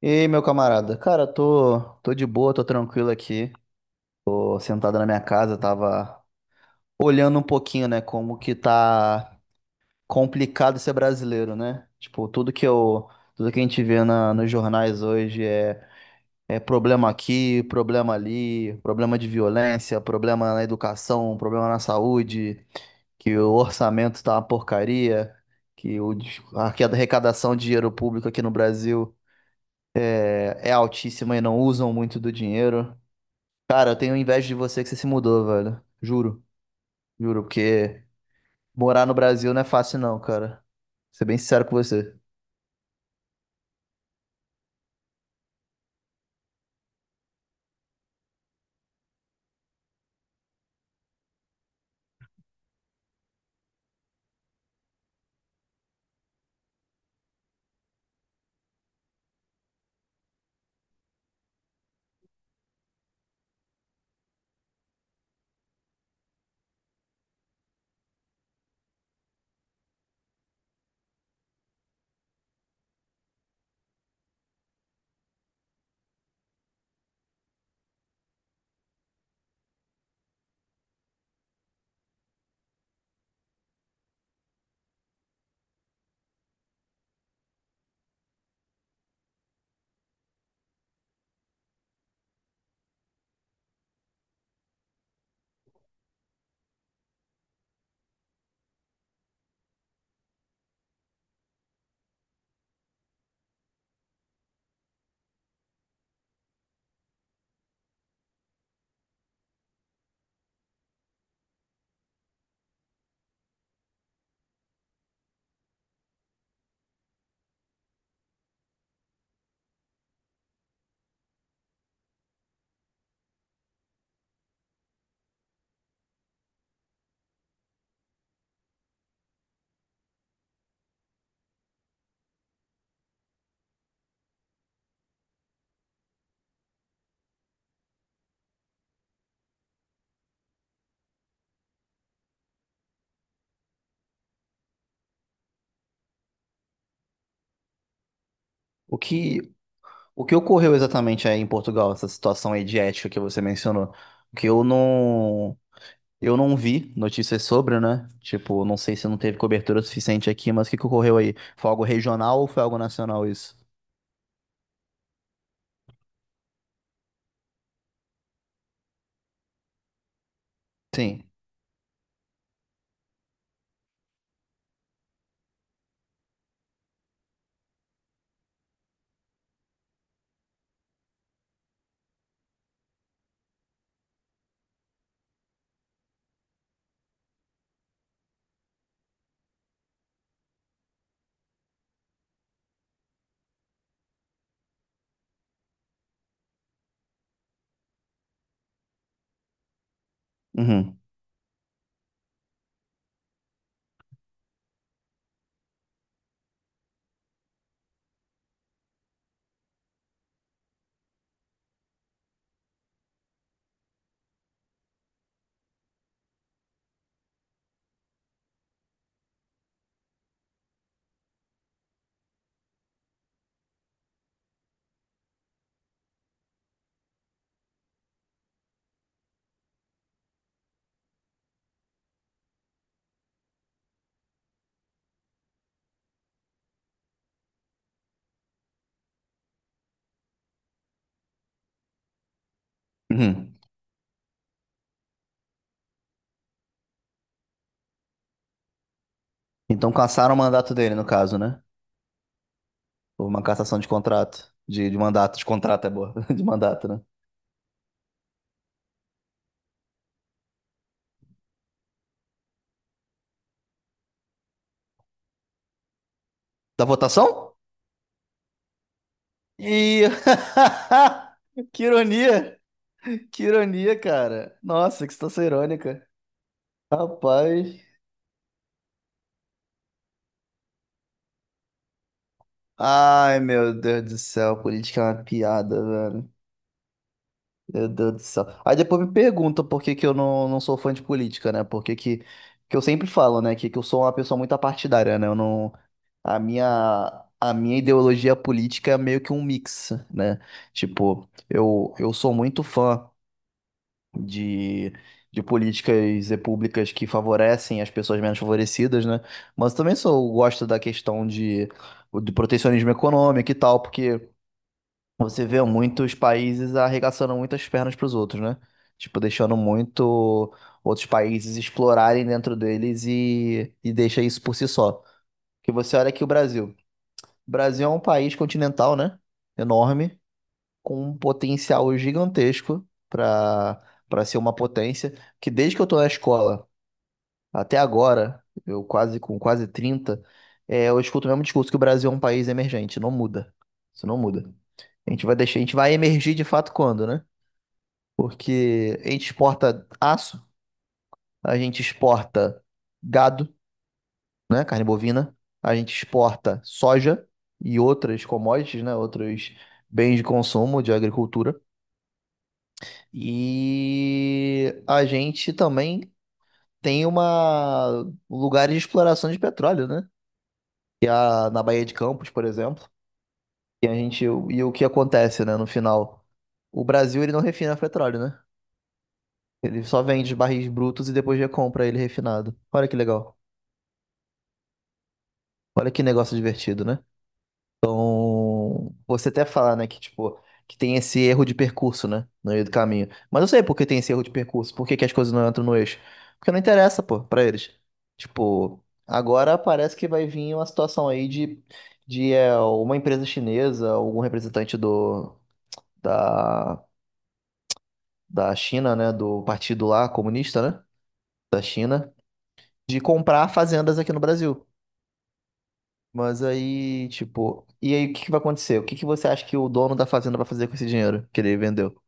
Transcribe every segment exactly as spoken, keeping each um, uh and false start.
E aí, meu camarada? Cara, tô, tô de boa, tô tranquilo aqui. Tô sentado na minha casa, tava olhando um pouquinho, né, como que tá complicado ser brasileiro, né? Tipo, tudo que eu, tudo que a gente vê na, nos jornais hoje é, é problema aqui, problema ali, problema de violência, problema na educação, problema na saúde, que o orçamento tá uma porcaria, que o, des- a arrecadação de dinheiro público aqui no Brasil é é altíssima e não usam muito do dinheiro. Cara, eu tenho inveja de você que você se mudou, velho. Juro, juro, porque morar no Brasil não é fácil não, cara. Vou ser bem sincero com você. O que, o que ocorreu exatamente aí em Portugal, essa situação aí de ética que você mencionou? Que eu não, eu não vi notícias sobre, né? Tipo, não sei se não teve cobertura suficiente aqui, mas o que que ocorreu aí? Foi algo regional ou foi algo nacional isso? Sim. Uhum. Uhum. Então cassaram o mandato dele, no caso, né? Houve uma cassação de contrato. De, de mandato, de contrato é boa. De mandato, né? Da votação? E. Que ironia! Que ironia, cara. Nossa, que situação irônica. Rapaz. Ai, meu Deus do céu, política é uma piada, velho. Meu Deus do céu. Aí depois me pergunta por que que eu não, não sou fã de política, né? Por que que, que eu sempre falo, né? Que, que eu sou uma pessoa muito apartidária, né? Eu não. A minha. A minha ideologia política é meio que um mix, né? Tipo, eu, eu sou muito fã de, de políticas e públicas que favorecem as pessoas menos favorecidas, né? Mas também sou, gosto da questão de, do protecionismo econômico e tal, porque você vê muitos países arregaçando muitas pernas para os outros, né? Tipo, deixando muito outros países explorarem dentro deles e, e deixa isso por si só. Porque você olha aqui o Brasil. O Brasil é um país continental, né? Enorme com um potencial gigantesco para para ser uma potência, que desde que eu tô na escola até agora, eu quase com quase trinta, é, eu escuto o mesmo discurso que o Brasil é um país emergente, não muda. Isso não muda. A gente vai deixar, a gente vai emergir de fato quando, né? Porque a gente exporta aço, a gente exporta gado, né, carne bovina, a gente exporta soja e outras commodities, né, outros bens de consumo de agricultura. E a gente também tem uma um lugar de exploração de petróleo, né? Que é a- na Baía de Campos, por exemplo. E a gente e o que acontece, né, no final? O Brasil ele não refina petróleo, né? Ele só vende os barris brutos e depois recompra ele refinado. Olha que legal. Olha que negócio divertido, né? Você até fala, né, que tipo, que tem esse erro de percurso, né, no meio do caminho. Mas eu sei por que tem esse erro de percurso, por que que as coisas não entram no eixo. Porque não interessa, pô, pra eles. Tipo, agora parece que vai vir uma situação aí de, de é, uma empresa chinesa, algum representante do, da, da China, né, do partido lá comunista, né, da China, de comprar fazendas aqui no Brasil. Mas aí, tipo, e aí o que que vai acontecer? O que que você acha que o dono da fazenda vai fazer com esse dinheiro que ele vendeu?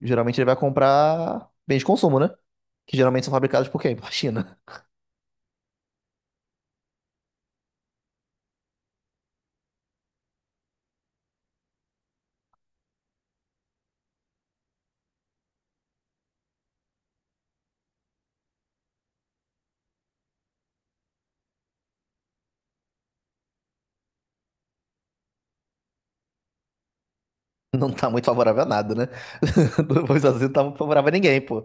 Geralmente ele vai comprar bens de consumo, né? Que geralmente são fabricados por quem? Por China. Não tá muito favorável a nada, né? Os Estados Unidos não tá muito favorável a ninguém, pô.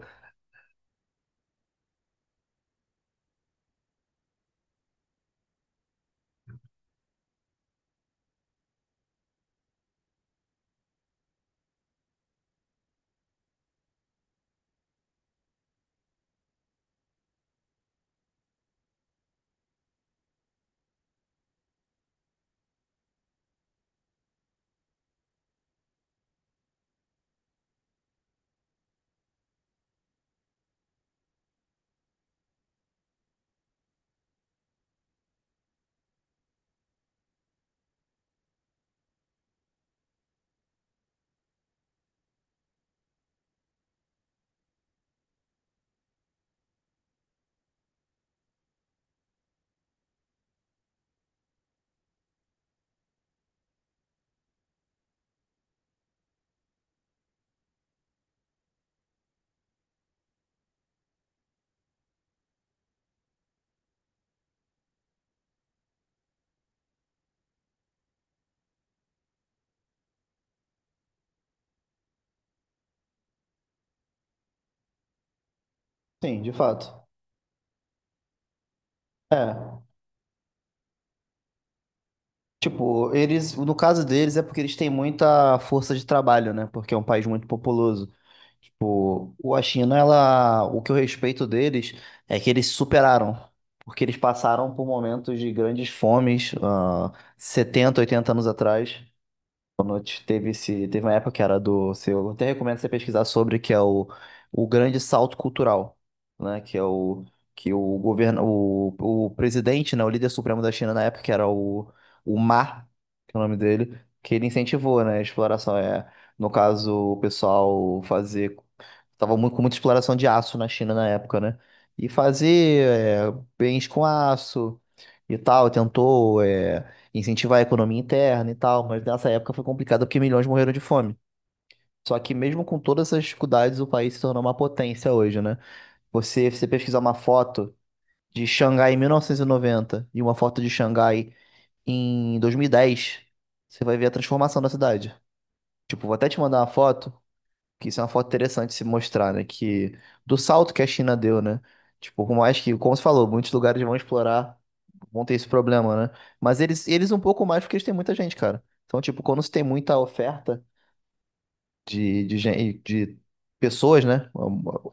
Sim, de fato. É. Tipo, eles, no caso deles, é porque eles têm muita força de trabalho, né? Porque é um país muito populoso. Tipo, o- a China, ela, o que eu respeito deles é que eles se superaram, porque eles passaram por momentos de grandes fomes, ah, setenta, oitenta anos atrás. Quando te- teve esse, teve uma época que era do seu, eu até recomendo você pesquisar sobre que é o, o grande salto cultural, né? Que é o que o governo, o, o presidente, né? O líder supremo da China na época que era o o Ma, que é o nome dele, que ele incentivou, né? A exploração é, no caso, o pessoal fazer, tava muito com muita exploração de aço na China na época, né? E fazer é, bens com aço e tal, tentou. É incentivar a economia interna e tal, mas nessa época foi complicado porque milhões morreram de fome. Só que mesmo com todas essas dificuldades, o país se tornou uma potência hoje, né? Você, você pesquisar uma foto de Xangai em mil novecentos e noventa e noventa e uma foto de Xangai em dois mil e dez, você vai ver a transformação da cidade. Tipo, vou até te mandar uma foto que isso é uma foto interessante de se mostrar, né? Que do salto que a China deu, né? Tipo, por mais que, como você falou, muitos lugares vão explorar, vão ter esse problema, né? Mas eles, eles um pouco mais porque eles têm muita gente, cara. Então, tipo, quando você tem muita oferta de, de, gen- de pessoas, né?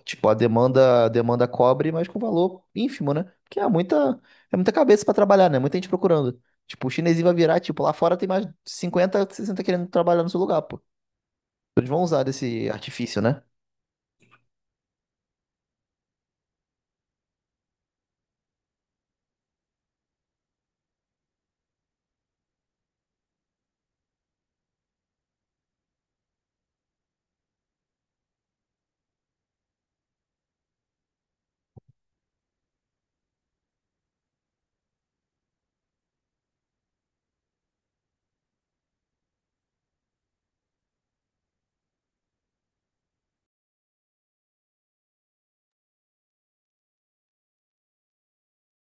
Tipo, a demanda, a demanda cobre, mas com valor ínfimo, né? Porque é muita, é muita cabeça pra trabalhar, né? Muita gente procurando. Tipo, o chinesinho vai virar, tipo, lá fora tem mais cinquenta sessenta querendo trabalhar no seu lugar, pô. Eles vão usar desse artifício, né?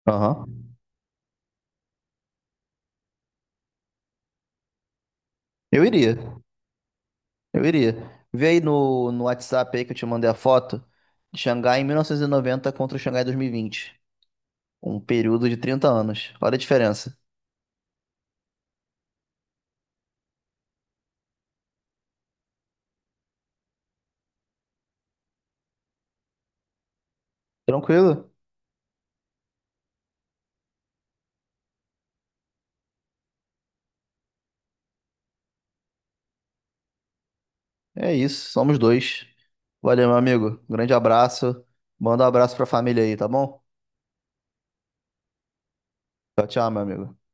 Aham. Eu iria, eu iria. Vê aí no, no WhatsApp aí que eu te mandei a foto de Xangai em mil novecentos e noventa contra o Xangai dois mil e vinte. Um período de trinta anos. Olha a diferença. Tranquilo? É isso, somos dois. Valeu, meu amigo. Grande abraço. Manda um abraço pra família aí, tá bom? Tchau, tchau, meu amigo.